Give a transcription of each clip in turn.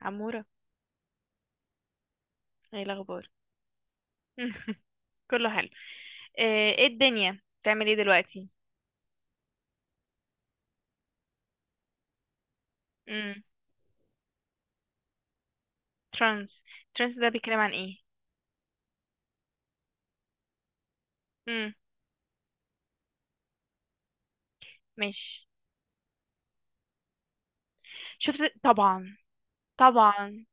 عمورة، ايه الاخبار؟ كله حلو. ايه الدنيا بتعمل ايه دلوقتي؟ امم. ترانس. ترانس ده بيتكلم عن ايه؟ امم. ماشي. شفت طبعا. طبعا.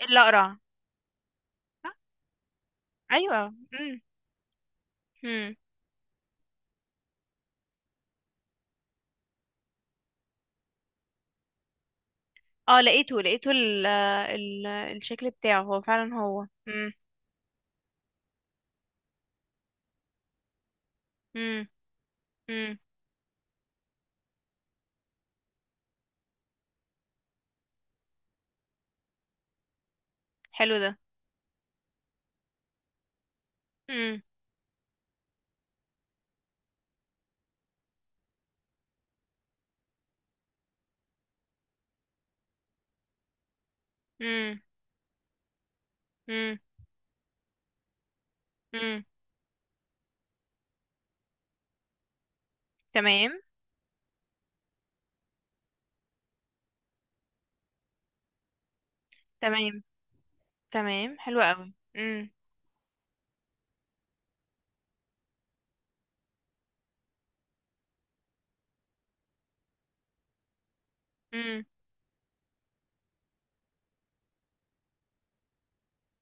إيه؟ اللي اقرع؟ صح؟ ايوه. امم. امم. اه، لقيته. ال ال الشكل بتاعه هو فعلا هو. امم. امم. امم. حلو ده. امم. امم. امم. امم. تمام. تمام. تمام حلو قوي. امم. امم.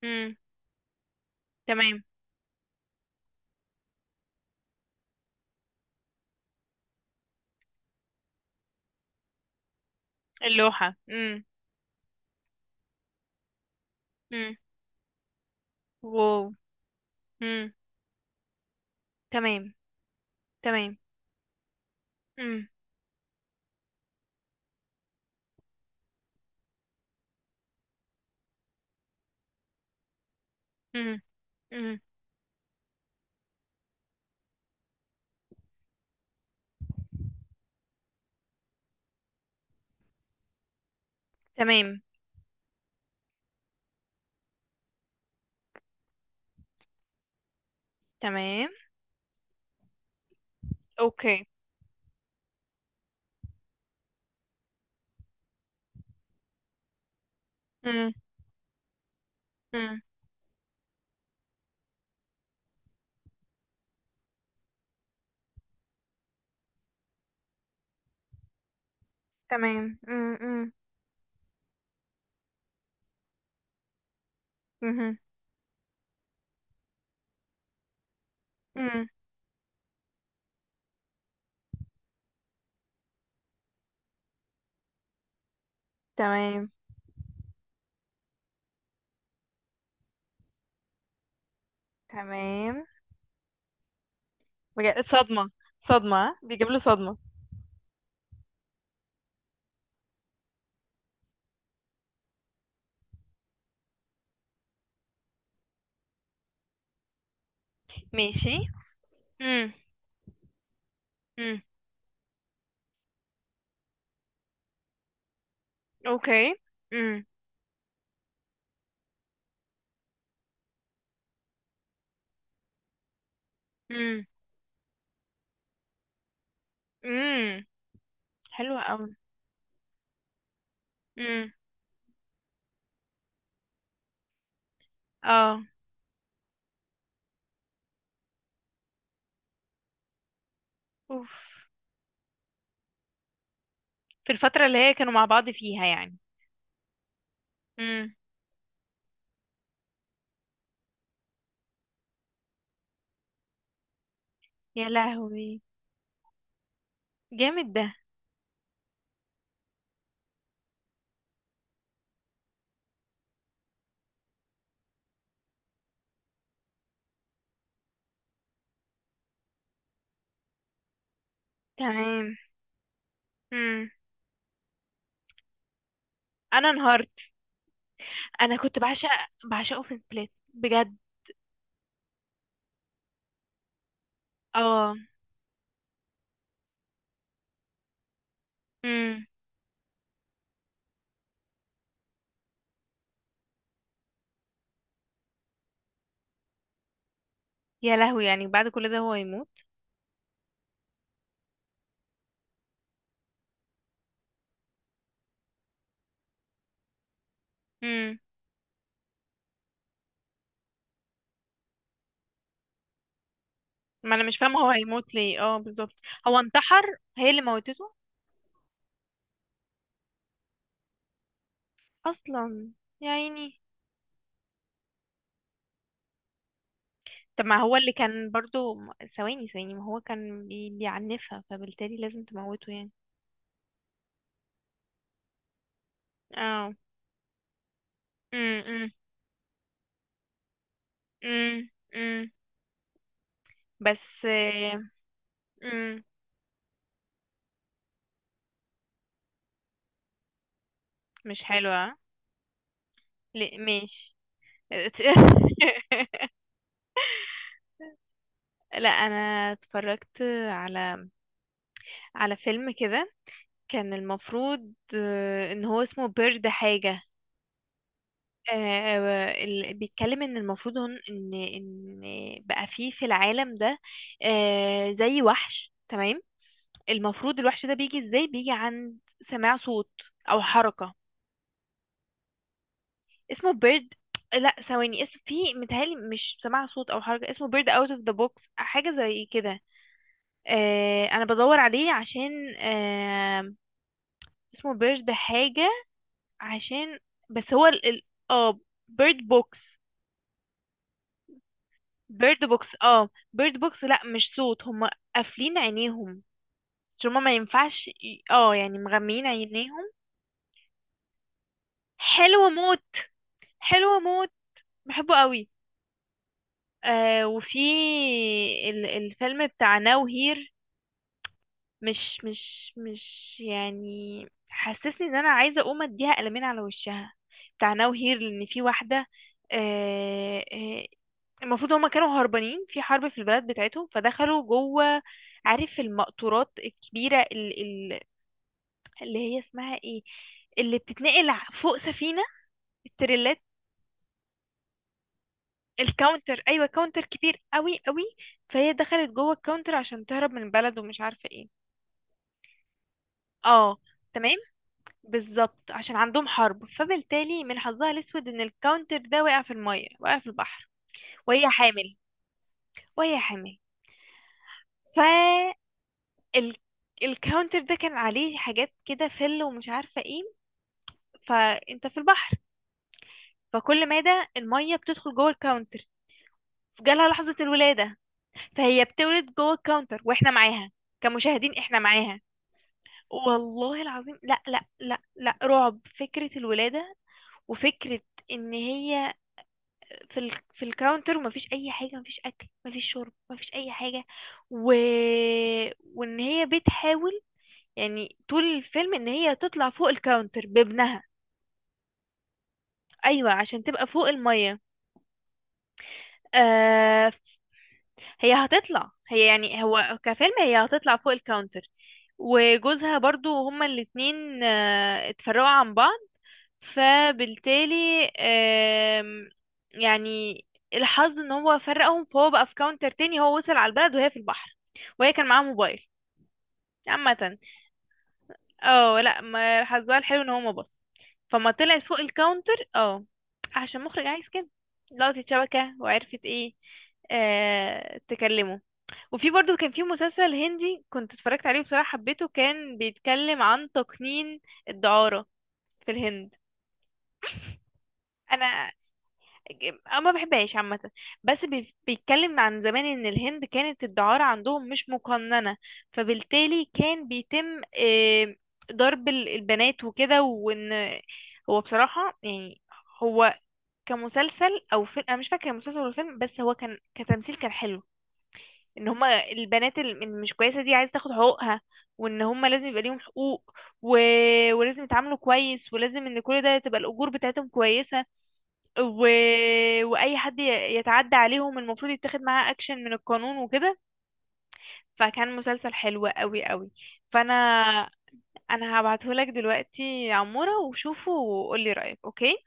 امم. تمام. اللوحة. امم. واو. مم. تمام. تمام. مم. مم. مم. تمام. تمام. اوكي. مم. مم. تمام. مم. مم. مهم. مم. تمام. تمام بجد، صدمة. صدمة؟ ها؟ بيجيب له صدمة؟ ماشي. مم. مم. اوكي. مم. مم. مم. حلوة قوي. مم. اه. اوف. في الفترة اللي هي كانوا مع بعض فيها يعني. مم. يا لهوي، جامد ده. تمام. مم. انا انهارت. انا كنت بعشق، بعشقه في سبليت بجد. اه. امم. يا لهوي، يعني بعد كل ده هو يموت؟ امم. ما انا مش فاهمه، هو هيموت ليه اه بالظبط؟ هو انتحر؟ هي اللي موتته؟ اصلا. يا عيني. طب ما هو اللي كان برضو. ثواني ثواني، ما هو كان بيعنفها، فبالتالي لازم تموته يعني؟ اه. امم. امم. امم. امم. بس. امم. مش حلوة. ليه؟ ماشي. لا، انا اتفرجت على على فيلم كده. كان المفروض ان هو اسمه بيرد حاجة. آه، بيتكلم ان المفروض، ان بقى فيه في العالم ده زي وحش، تمام. المفروض الوحش ده بيجي ازاي؟ بيجي عند سماع صوت او حركة. اسمه بيرد. لا، ثواني، اسم في متهيألي، مش سماع صوت او حركة. اسمه بيرد اوت اوف ذا بوكس حاجة زي كده. انا بدور عليه عشان اسمه بيرد حاجة، عشان. بس هو اه بيرد بوكس. بيرد بوكس. اه بيرد بوكس. لا، مش صوت، هما قافلين عينيهم، عشان هما ما ينفعش يعني مغميين عينيهم. حلوة موت. حلوة موت. بحبه قوي. وفي ال الفيلم بتاع ناو هير. مش مش يعني، حسسني ان انا عايزة اقوم اديها قلمين على وشها، بتاع ناو هير، لان في واحدة. آه آه، المفروض هما كانوا هربانين في حرب في البلد بتاعتهم، فدخلوا جوه. عارف المقطورات الكبيرة، اللي هي اسمها ايه، اللي بتتنقل فوق سفينة. التريلات. الكاونتر، ايوه، كاونتر كبير قوي قوي. فهي دخلت جوه الكاونتر عشان تهرب من البلد، ومش عارفة ايه. اه. تمام، بالظبط. عشان عندهم حرب، فبالتالي من حظها الاسود ان الكاونتر ده وقع في المية، وقع في البحر. وهي حامل. وهي حامل. ال... الكاونتر ده كان عليه حاجات كده فل، ومش عارفة ايه. فانت في البحر، فكل مادة المية بتدخل جوه الكاونتر. جالها لحظة الولادة، فهي بتولد جوه الكاونتر، واحنا معاها، كمشاهدين احنا معاها. والله العظيم، لا لا لا لا، رعب فكرة الولادة. وفكرة ان هي في الكاونتر، ومفيش اي حاجة، مفيش اكل، مفيش شرب، مفيش اي حاجة. و... وان هي بتحاول يعني طول الفيلم ان هي تطلع فوق الكاونتر بابنها. ايوه، عشان تبقى فوق الميه. آه هي هتطلع، هي يعني، هو كفيلم، هي هتطلع فوق الكاونتر. وجوزها برضو، هما الاتنين اتفرقوا عن بعض. فبالتالي آم، يعني الحظ ان هو فرقهم، فهو بقى في كاونتر تاني، هو وصل على البلد وهي في البحر. وهي كان معاها موبايل عامة. اه لا، ما حظها الحلو ان هو ما. فما طلع فوق الكاونتر اه، عشان مخرج عايز كده. لقطت الشبكة وعرفت ايه. تكلمه. وفي برضو، كان في مسلسل هندي كنت اتفرجت عليه بصراحة، حبيته. كان بيتكلم عن تقنين الدعارة في الهند. انا أنا ما بحبهاش عامة. بس بيتكلم عن زمان ان الهند كانت الدعارة عندهم مش مقننة، فبالتالي كان بيتم ضرب البنات وكده، وان هو بصراحة يعني. هو كمسلسل او فيلم انا مش فاكره مسلسل ولا فيلم، بس هو كان كتمثيل كان حلو. ان هما البنات اللي مش كويسه دي عايزه تاخد حقوقها، وان هما لازم يبقى ليهم حقوق. و... ولازم يتعاملوا كويس، ولازم ان كل ده تبقى الاجور بتاعتهم كويسه. و... واي حد يتعدى عليهم المفروض يتاخد معاه اكشن من القانون وكده. فكان مسلسل حلو قوي قوي. فانا هبعتهولك دلوقتي يا عموره، وشوفه وقولي رايك، اوكي.